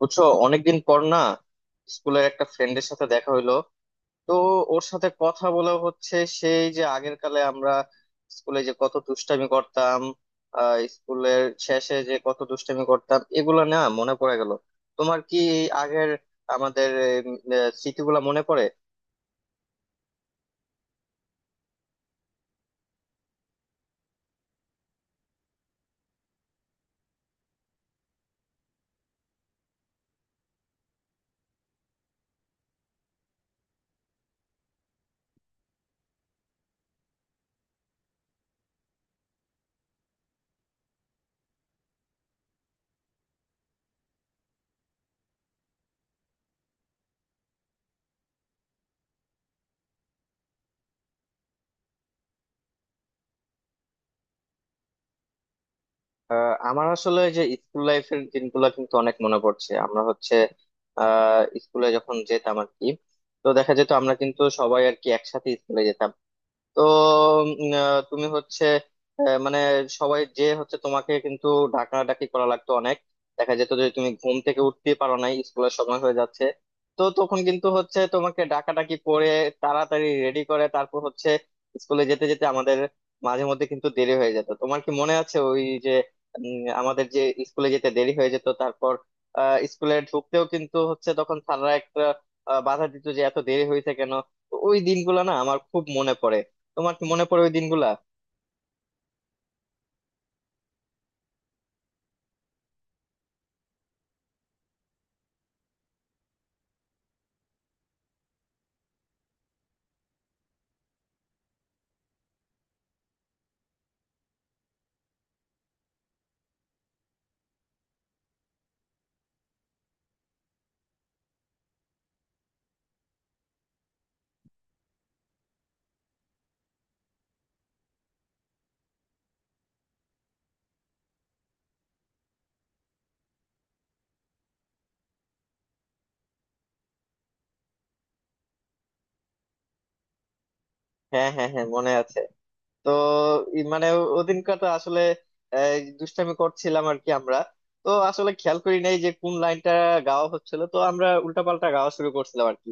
বুঝছো, অনেকদিন পর না স্কুলের একটা ফ্রেন্ডের সাথে দেখা হইলো। তো ওর সাথে কথা বলা হচ্ছে, সেই যে আগের কালে আমরা স্কুলে যে কত দুষ্টামি করতাম, স্কুলের শেষে যে কত দুষ্টামি করতাম এগুলা না মনে পড়ে গেল। তোমার কি এই আগের আমাদের স্মৃতিগুলা মনে পড়ে? আমার আসলে যে স্কুল লাইফের দিনগুলা কিন্তু অনেক মনে পড়ছে। আমরা হচ্ছে স্কুলে যখন যেতাম আর কি। তো দেখা যেত আমরা কিন্তু সবাই আর কি একসাথে স্কুলে যেতাম। তো তুমি হচ্ছে, মানে সবাই যে হচ্ছে তোমাকে কিন্তু ডাকাডাকি করা লাগতো অনেক। দেখা যেত যে তুমি ঘুম থেকে উঠতে পারো নাই, স্কুলের সময় হয়ে যাচ্ছে। তো তখন কিন্তু হচ্ছে তোমাকে ডাকাডাকি করে তাড়াতাড়ি রেডি করে, তারপর হচ্ছে স্কুলে যেতে যেতে আমাদের মাঝে মধ্যে কিন্তু দেরি হয়ে যেত। তোমার কি মনে আছে ওই যে আমাদের যে স্কুলে যেতে দেরি হয়ে যেত, তারপর স্কুলে ঢুকতেও কিন্তু হচ্ছে তখন স্যাররা একটা বাধা দিত যে এত দেরি হয়েছে কেন। তো ওই দিনগুলো না আমার খুব মনে পড়ে। তোমার কি মনে পড়ে ওই দিনগুলা? হ্যাঁ, হ্যাঁ, হ্যাঁ, মনে আছে। তো মানে ওদিনকার তো আসলে এই, দুষ্টামি করছিলাম আর কি আমরা। তো আসলে খেয়াল করি নাই যে কোন লাইনটা গাওয়া হচ্ছিল, তো আমরা উল্টাপাল্টা গাওয়া শুরু করছিলাম আর কি।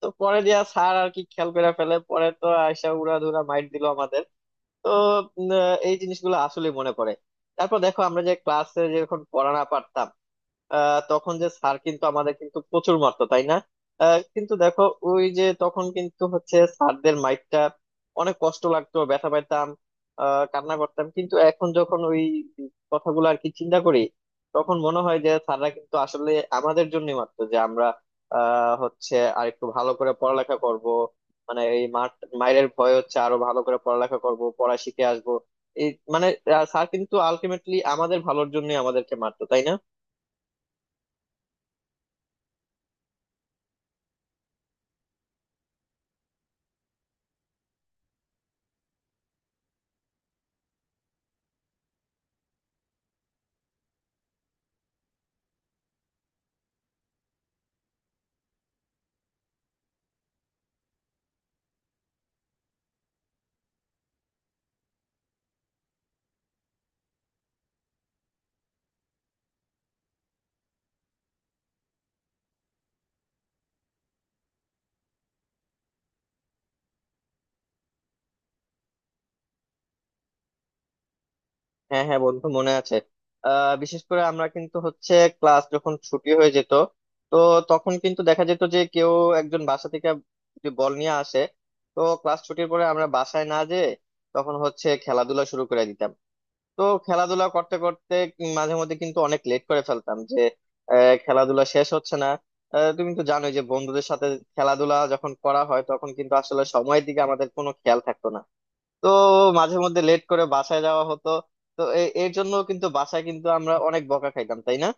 তো পরে দিয়া স্যার আর কি খেয়াল করে ফেলে, পরে তো আয়সা উড়াধুরা মাইট দিল আমাদের। তো এই জিনিসগুলো আসলে মনে পড়ে। তারপর দেখো আমরা যে ক্লাসে যখন পড়া না পারতাম তখন যে স্যার কিন্তু আমাদের কিন্তু প্রচুর মারতো, তাই না? কিন্তু দেখো ওই যে তখন কিন্তু হচ্ছে স্যারদের মাইরটা অনেক কষ্ট লাগতো, ব্যথা পাইতাম, কান্না করতাম। কিন্তু এখন যখন ওই কথাগুলো আর কি চিন্তা করি, তখন মনে হয় যে স্যাররা কিন্তু আসলে আমাদের জন্য মারতো, যে আমরা হচ্ছে আর একটু ভালো করে পড়ালেখা করব। মানে এই মার, মায়ের ভয় হচ্ছে আরো ভালো করে পড়ালেখা করব, পড়া শিখে আসবো। এই মানে, স্যার কিন্তু আলটিমেটলি আমাদের ভালোর জন্য আমাদেরকে মারতো, তাই না? হ্যাঁ, হ্যাঁ, বন্ধু মনে আছে। বিশেষ করে আমরা কিন্তু হচ্ছে ক্লাস যখন ছুটি হয়ে যেত, তো তখন কিন্তু দেখা যেত যে কেউ একজন বাসা থেকে যে বল নিয়ে আসে। তো ক্লাস ছুটির পরে আমরা বাসায় না যেয়ে তখন হচ্ছে খেলাধুলা শুরু করে দিতাম। তো খেলাধুলা করতে করতে মাঝে মধ্যে কিন্তু অনেক লেট করে ফেলতাম যে, খেলাধুলা শেষ হচ্ছে না। তুমি তো জানোই যে বন্ধুদের সাথে খেলাধুলা যখন করা হয় তখন কিন্তু আসলে সময়ের দিকে আমাদের কোনো খেয়াল থাকতো না। তো মাঝে মধ্যে লেট করে বাসায় যাওয়া হতো। তো এর জন্য কিন্তু বাসায় কিন্তু আমরা অনেক বকা খাইতাম, তাই না?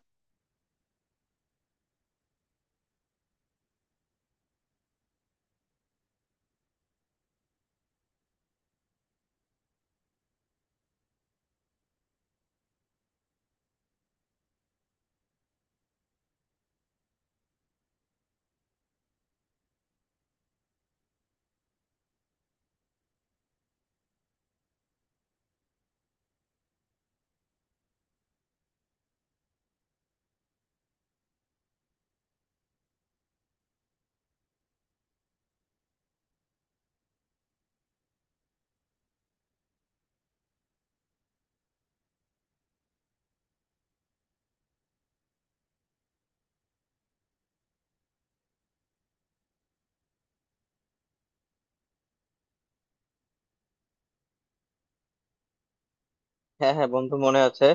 হ্যাঁ, হ্যাঁ, বন্ধু মনে আছে।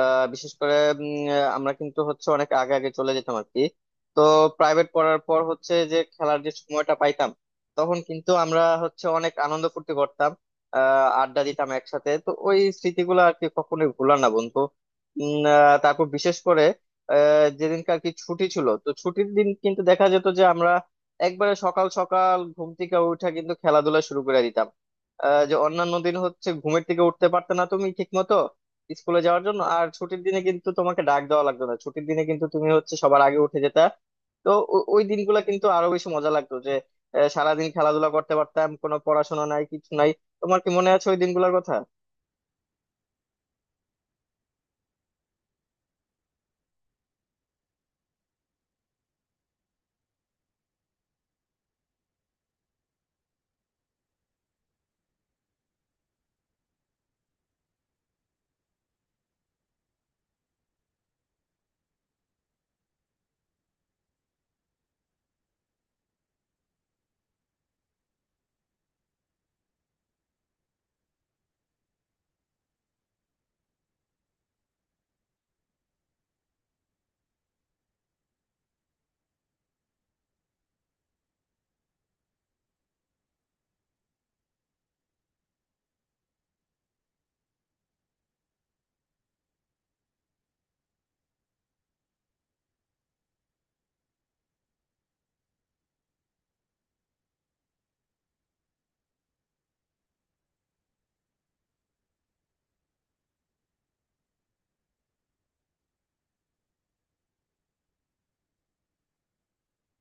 বিশেষ করে আমরা কিন্তু হচ্ছে অনেক আগে আগে চলে যেতাম আর কি। তো প্রাইভেট পড়ার পর হচ্ছে যে খেলার যে সময়টা পাইতাম, তখন কিন্তু আমরা হচ্ছে অনেক আনন্দ ফুর্তি করতাম, আড্ডা দিতাম একসাথে। তো ওই স্মৃতিগুলো আর কি কখনোই ভুলার না বন্ধু। তারপর বিশেষ করে যেদিনকার কি ছুটি ছিল, তো ছুটির দিন কিন্তু দেখা যেত যে আমরা একবারে সকাল সকাল ঘুম থেকে উঠে কিন্তু খেলাধুলা শুরু করে দিতাম। যে অন্যান্য দিন হচ্ছে ঘুমের থেকে উঠতে পারতে না তুমি ঠিক মতো স্কুলে যাওয়ার জন্য, আর ছুটির দিনে কিন্তু তোমাকে ডাক দেওয়া লাগতো না, ছুটির দিনে কিন্তু তুমি হচ্ছে সবার আগে উঠে যেতা। তো ওই দিনগুলো কিন্তু আরো বেশি মজা লাগতো যে সারাদিন খেলাধুলা করতে পারতাম, কোনো পড়াশোনা নাই কিছু নাই। তোমার কি মনে আছে ওই দিনগুলোর কথা?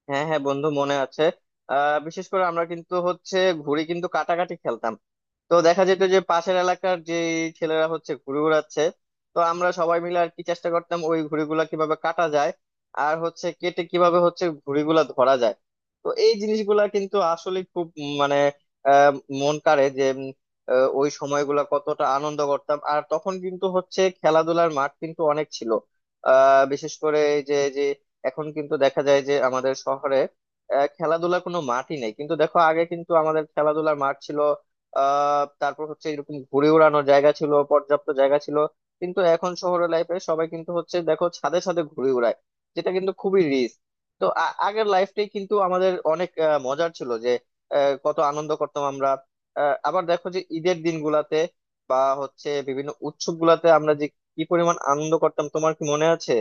হ্যাঁ, হ্যাঁ, বন্ধু মনে আছে। বিশেষ করে আমরা কিন্তু হচ্ছে ঘুড়ি কিন্তু কাটাকাটি খেলতাম। তো দেখা যেত যে পাশের এলাকার যে ছেলেরা হচ্ছে ঘুড়ি উড়াচ্ছে, তো আমরা সবাই মিলে আর কি চেষ্টা করতাম ওই ঘুড়িগুলা কিভাবে কাটা যায় আর হচ্ছে কেটে কিভাবে হচ্ছে ঘুড়িগুলা ধরা যায়। তো এই জিনিসগুলা কিন্তু আসলে খুব মানে আহ মন কাড়ে, যে ওই সময়গুলা কতটা আনন্দ করতাম। আর তখন কিন্তু হচ্ছে খেলাধুলার মাঠ কিন্তু অনেক ছিল, বিশেষ করে এই যে যে এখন কিন্তু দেখা যায় যে আমাদের শহরে খেলাধুলার কোনো মাঠই নেই। কিন্তু দেখো আগে কিন্তু আমাদের খেলাধুলার মাঠ ছিল, তারপর হচ্ছে এরকম ঘুড়ি ওড়ানোর জায়গা ছিল, পর্যাপ্ত জায়গা ছিল। কিন্তু এখন শহরের লাইফে সবাই কিন্তু হচ্ছে দেখো ছাদে ছাদে ঘুড়ি ওড়ায়, যেটা কিন্তু খুবই রিস্ক। তো আগের লাইফটাই কিন্তু আমাদের অনেক মজার ছিল যে কত আনন্দ করতাম আমরা। আবার দেখো যে ঈদের দিনগুলাতে বা হচ্ছে বিভিন্ন উৎসব গুলাতে আমরা যে কি পরিমাণ আনন্দ করতাম, তোমার কি মনে আছে?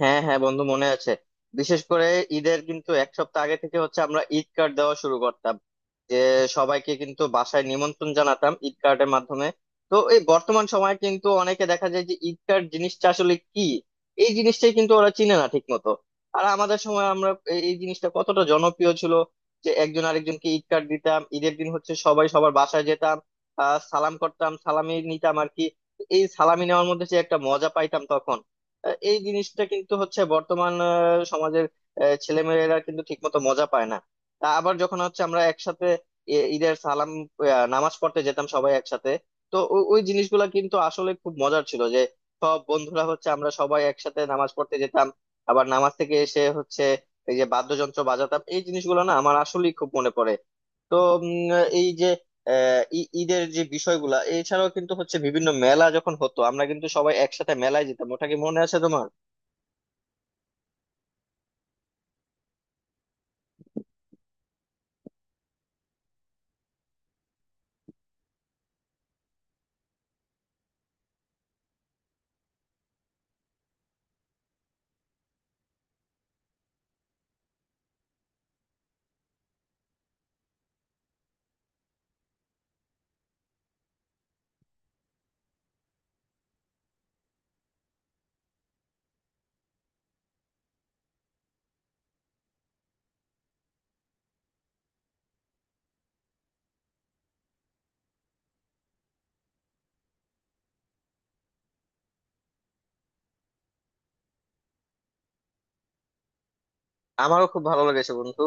হ্যাঁ, হ্যাঁ, বন্ধু মনে আছে। বিশেষ করে ঈদের কিন্তু এক সপ্তাহ আগে থেকে হচ্ছে আমরা ঈদ কার্ড দেওয়া শুরু করতাম, যে সবাইকে কিন্তু বাসায় নিমন্ত্রণ জানাতাম ঈদ কার্ডের মাধ্যমে। তো এই বর্তমান সময়ে কিন্তু অনেকে দেখা যায় যে ঈদ কার্ড জিনিসটা আসলে কি, এই জিনিসটাই কিন্তু ওরা চিনে না ঠিক মতো। আর আমাদের সময় আমরা এই এই জিনিসটা কতটা জনপ্রিয় ছিল, যে একজন আরেকজনকে ঈদ কার্ড দিতাম। ঈদের দিন হচ্ছে সবাই সবার বাসায় যেতাম, সালাম করতাম সালামি নিতাম আর কি। এই সালামি নেওয়ার মধ্যে যে একটা মজা পাইতাম তখন, এই জিনিসটা কিন্তু হচ্ছে বর্তমান সমাজের ছেলে মেয়েরা কিন্তু ঠিকমতো মজা পায় না। তা আবার যখন হচ্ছে আমরা একসাথে ঈদের সালাম, নামাজ পড়তে যেতাম সবাই একসাথে। তো ওই জিনিসগুলো কিন্তু আসলে খুব মজার ছিল যে সব বন্ধুরা হচ্ছে আমরা সবাই একসাথে নামাজ পড়তে যেতাম। আবার নামাজ থেকে এসে হচ্ছে এই যে বাদ্যযন্ত্র বাজাতাম, এই জিনিসগুলো না আমার আসলেই খুব মনে পড়ে। তো এই যে ঈদের যে বিষয়গুলা এছাড়াও কিন্তু হচ্ছে বিভিন্ন মেলা যখন হতো আমরা কিন্তু সবাই একসাথে মেলায় যেতাম, ওটা কি মনে আছে তোমার? আমারও খুব ভালো লেগেছে বন্ধু।